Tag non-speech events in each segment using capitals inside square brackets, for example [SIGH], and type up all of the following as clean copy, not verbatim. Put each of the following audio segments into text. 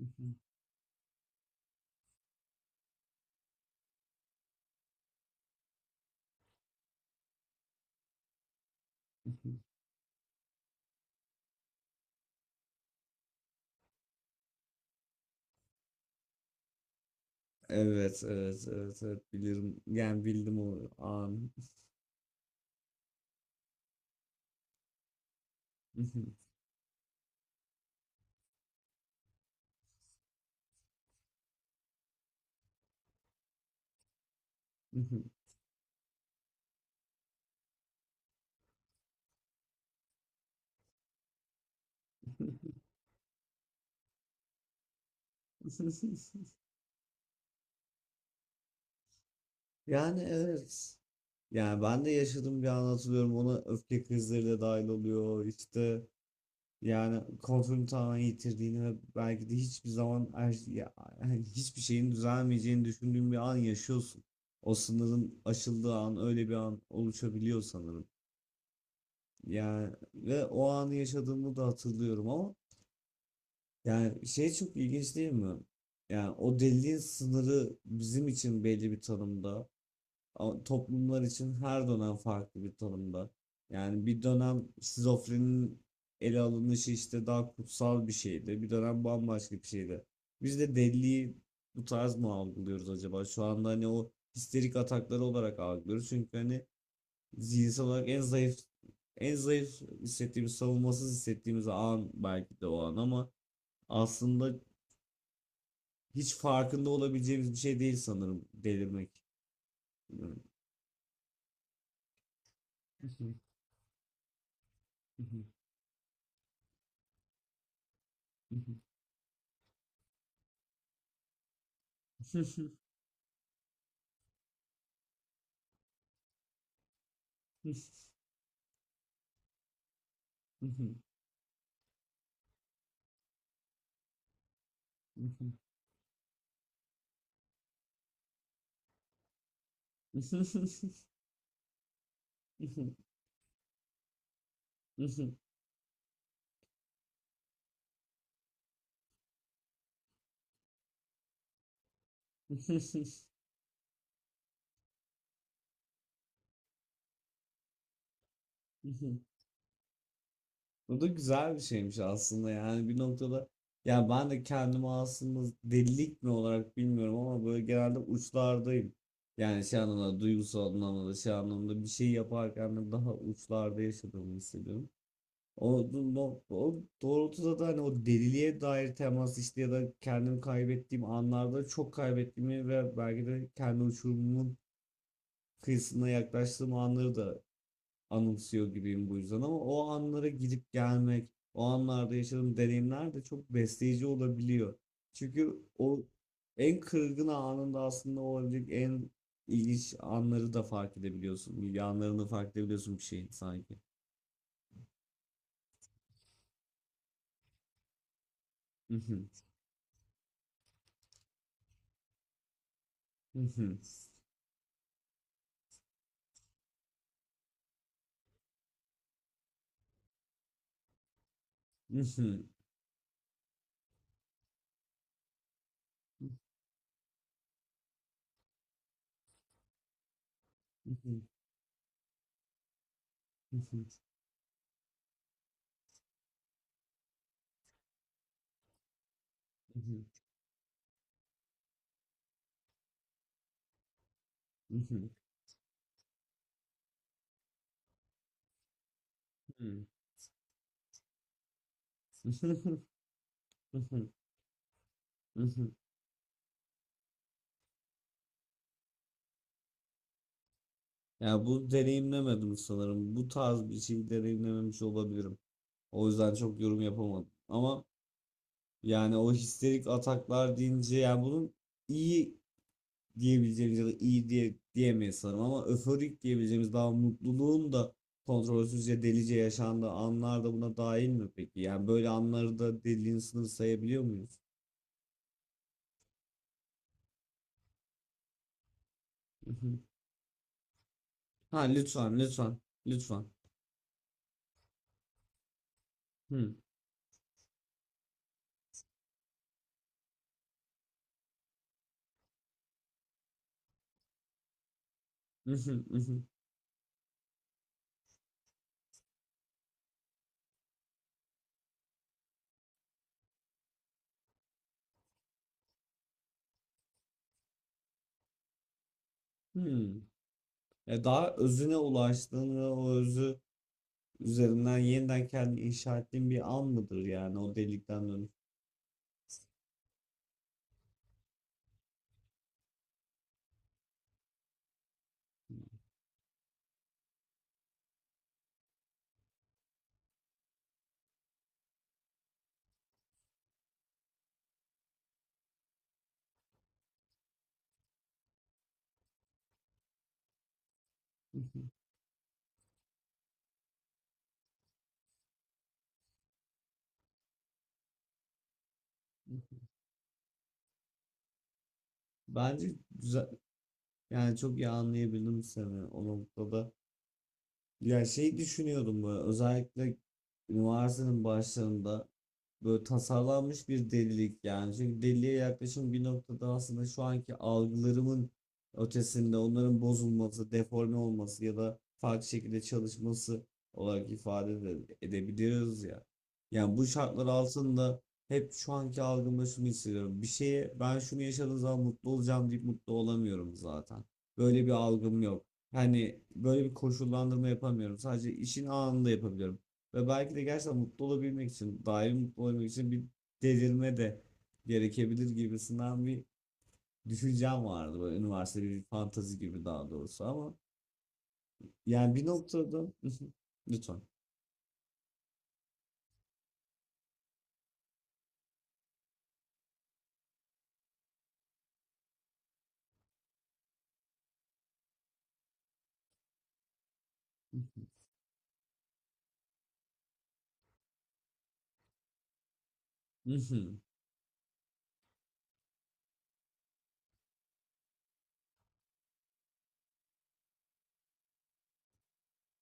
Hı hı, hı hı. Evet, evet, evet, evet bilirim. Yani bildim o an. Hı hı, hı hı, hı hı. Yani evet. Yani ben de yaşadığım bir an hatırlıyorum. Ona öfke krizleri de dahil oluyor. İşte yani kontrolünü tamamen yitirdiğini ve belki de hiçbir zaman yani hiçbir şeyin düzelmeyeceğini düşündüğün bir an yaşıyorsun. O sınırın aşıldığı an öyle bir an oluşabiliyor sanırım. Yani ve o anı yaşadığımı da hatırlıyorum ama yani şey, çok ilginç değil mi? Yani o deliliğin sınırı bizim için belli bir tanımda. Ama toplumlar için her dönem farklı bir tanımda. Yani bir dönem şizofrenin ele alınışı işte daha kutsal bir şeydi. Bir dönem bambaşka bir şeydi. Biz de deliliği bu tarz mı algılıyoruz acaba? Şu anda hani o histerik atakları olarak algılıyoruz. Çünkü hani zihinsel olarak en zayıf hissettiğimiz, savunmasız hissettiğimiz an belki de o an ama aslında hiç farkında olabileceğimiz bir şey değil sanırım delirmek. Bilmiyorum. [LAUGHS] Bu da güzel bir şeymiş aslında, yani bir noktada ya ben de kendimi aslında delilik mi olarak bilmiyorum ama böyle genelde uçlardayım. Yani şey anlamda, duygusal anlamda da, şey anlamda bir şey yaparken de daha uçlarda yaşadığımı hissediyorum. O, o doğrultuda da hani o deliliğe dair temas işte ya da kendimi kaybettiğim anlarda çok kaybettiğimi ve belki de kendi uçurumumun kıyısına yaklaştığım anları da anımsıyor gibiyim, bu yüzden ama o anlara gidip gelmek, o anlarda yaşadığım deneyimler de çok besleyici olabiliyor. Çünkü o en kırgın anında aslında olabilecek en ilginç anları da fark edebiliyorsun. Yanlarını fark edebiliyorsun bir şeyin sanki. [LAUGHS] Mhm, mhm, mhm, mhm, mhm. [LAUGHS] Mhm, mhm. Ya bu deneyimlemedim sanırım. Bu tarz bir şey deneyimlememiş olabilirim. O yüzden çok yorum yapamadım. Ama yani o histerik ataklar deyince, yani bunun iyi diyebileceğimiz ya da iyi diye diyemeyiz sanırım ama öforik diyebileceğimiz, daha mutluluğun da kontrolsüzce delice yaşandığı anlar da buna dahil mi peki? Yani böyle anları da deliliğin sınırı sayabiliyor muyuz? Mhm. Ha lütfen, lütfen lütfen. Hı. Hı hı, hı hı. Hıı. Ya, daha özüne ulaştığın ve o özü üzerinden yeniden kendini inşa ettiğin bir an mıdır yani o delikten dönüp? Hı hı, hı. Bence güzel, yani çok iyi anlayabildim seni o noktada. Ya şey düşünüyordum böyle, özellikle üniversitenin başlarında, böyle tasarlanmış bir delilik yani. Çünkü deliliğe yaklaşım bir noktada aslında şu anki algılarımın ötesinde, onların bozulması, deforme olması ya da farklı şekilde çalışması olarak ifade de edebiliyoruz ya. Yani bu şartlar altında hep şu anki algımda şunu hissediyorum. Bir şeye ben şunu yaşadığım zaman mutlu olacağım deyip mutlu olamıyorum zaten. Böyle bir algım yok. Hani böyle bir koşullandırma yapamıyorum. Sadece işin anında yapabiliyorum. Ve belki de gerçekten mutlu olabilmek için, daim mutlu olabilmek için bir delirme de gerekebilir gibisinden bir düşüncem vardı. Böyle üniversite bir fantezi gibi, daha doğrusu ama yani bir noktada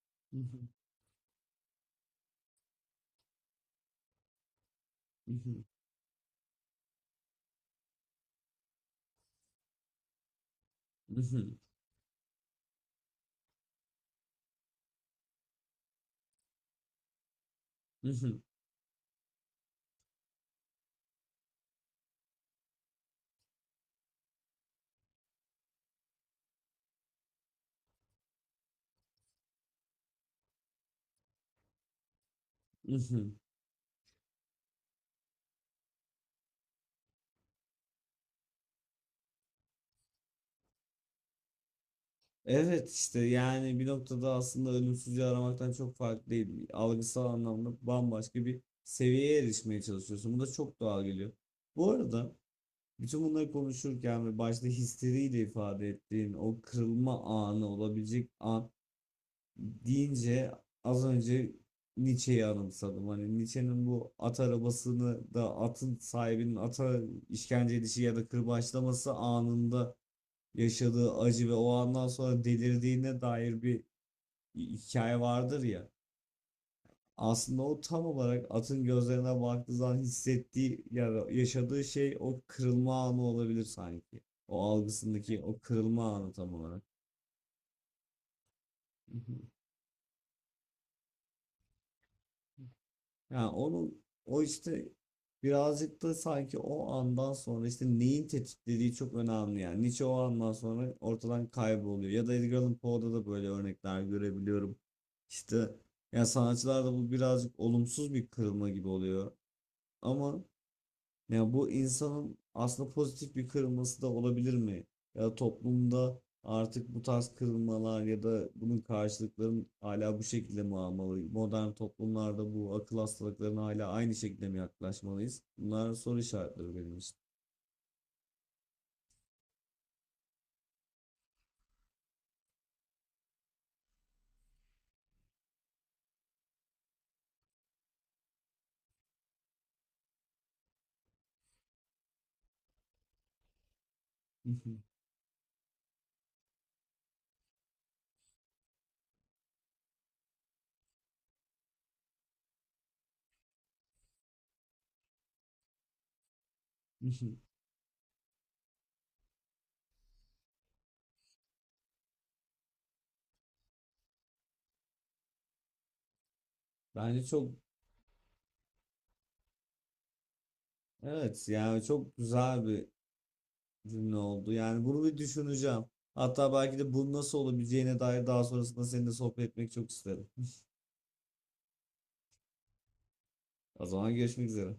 [LAUGHS] lütfen. [LAUGHS] Evet işte, yani bir noktada aslında ölümsüzlüğü aramaktan çok farklı değil. Algısal anlamda bambaşka bir seviyeye erişmeye çalışıyorsun. Bu da çok doğal geliyor. Bu arada bütün bunları konuşurken ve başta histeriyle ifade ettiğin o kırılma anı olabilecek an deyince, az önce Nietzsche'yi anımsadım. Hani Nietzsche'nin bu at arabasını da, atın sahibinin ata işkence edişi ya da kırbaçlaması anında yaşadığı acı ve o andan sonra delirdiğine dair bir hikaye vardır ya. Aslında o tam olarak atın gözlerine baktığı zaman hissettiği ya yaşadığı şey o kırılma anı olabilir sanki. O algısındaki o kırılma anı tam olarak. [LAUGHS] Yani onun o işte birazcık da sanki, o andan sonra işte neyin tetiklediği çok önemli yani. Nietzsche o andan sonra ortadan kayboluyor. Ya da Edgar Allan Poe'da da böyle örnekler görebiliyorum. İşte yani sanatçılarda bu birazcık olumsuz bir kırılma gibi oluyor. Ama ya bu insanın aslında pozitif bir kırılması da olabilir mi? Ya toplumda artık bu tarz kırılmalar ya da bunun karşılıkların hala bu şekilde mi almalı? Modern toplumlarda bu akıl hastalıklarına hala aynı şekilde mi yaklaşmalıyız? Bunlar soru işaretleri benim için. [LAUGHS] Bence çok, evet, yani çok güzel bir cümle oldu. Yani bunu bir düşüneceğim. Hatta belki de bunun nasıl olabileceğine dair daha sonrasında seninle sohbet etmek çok isterim. O zaman görüşmek üzere.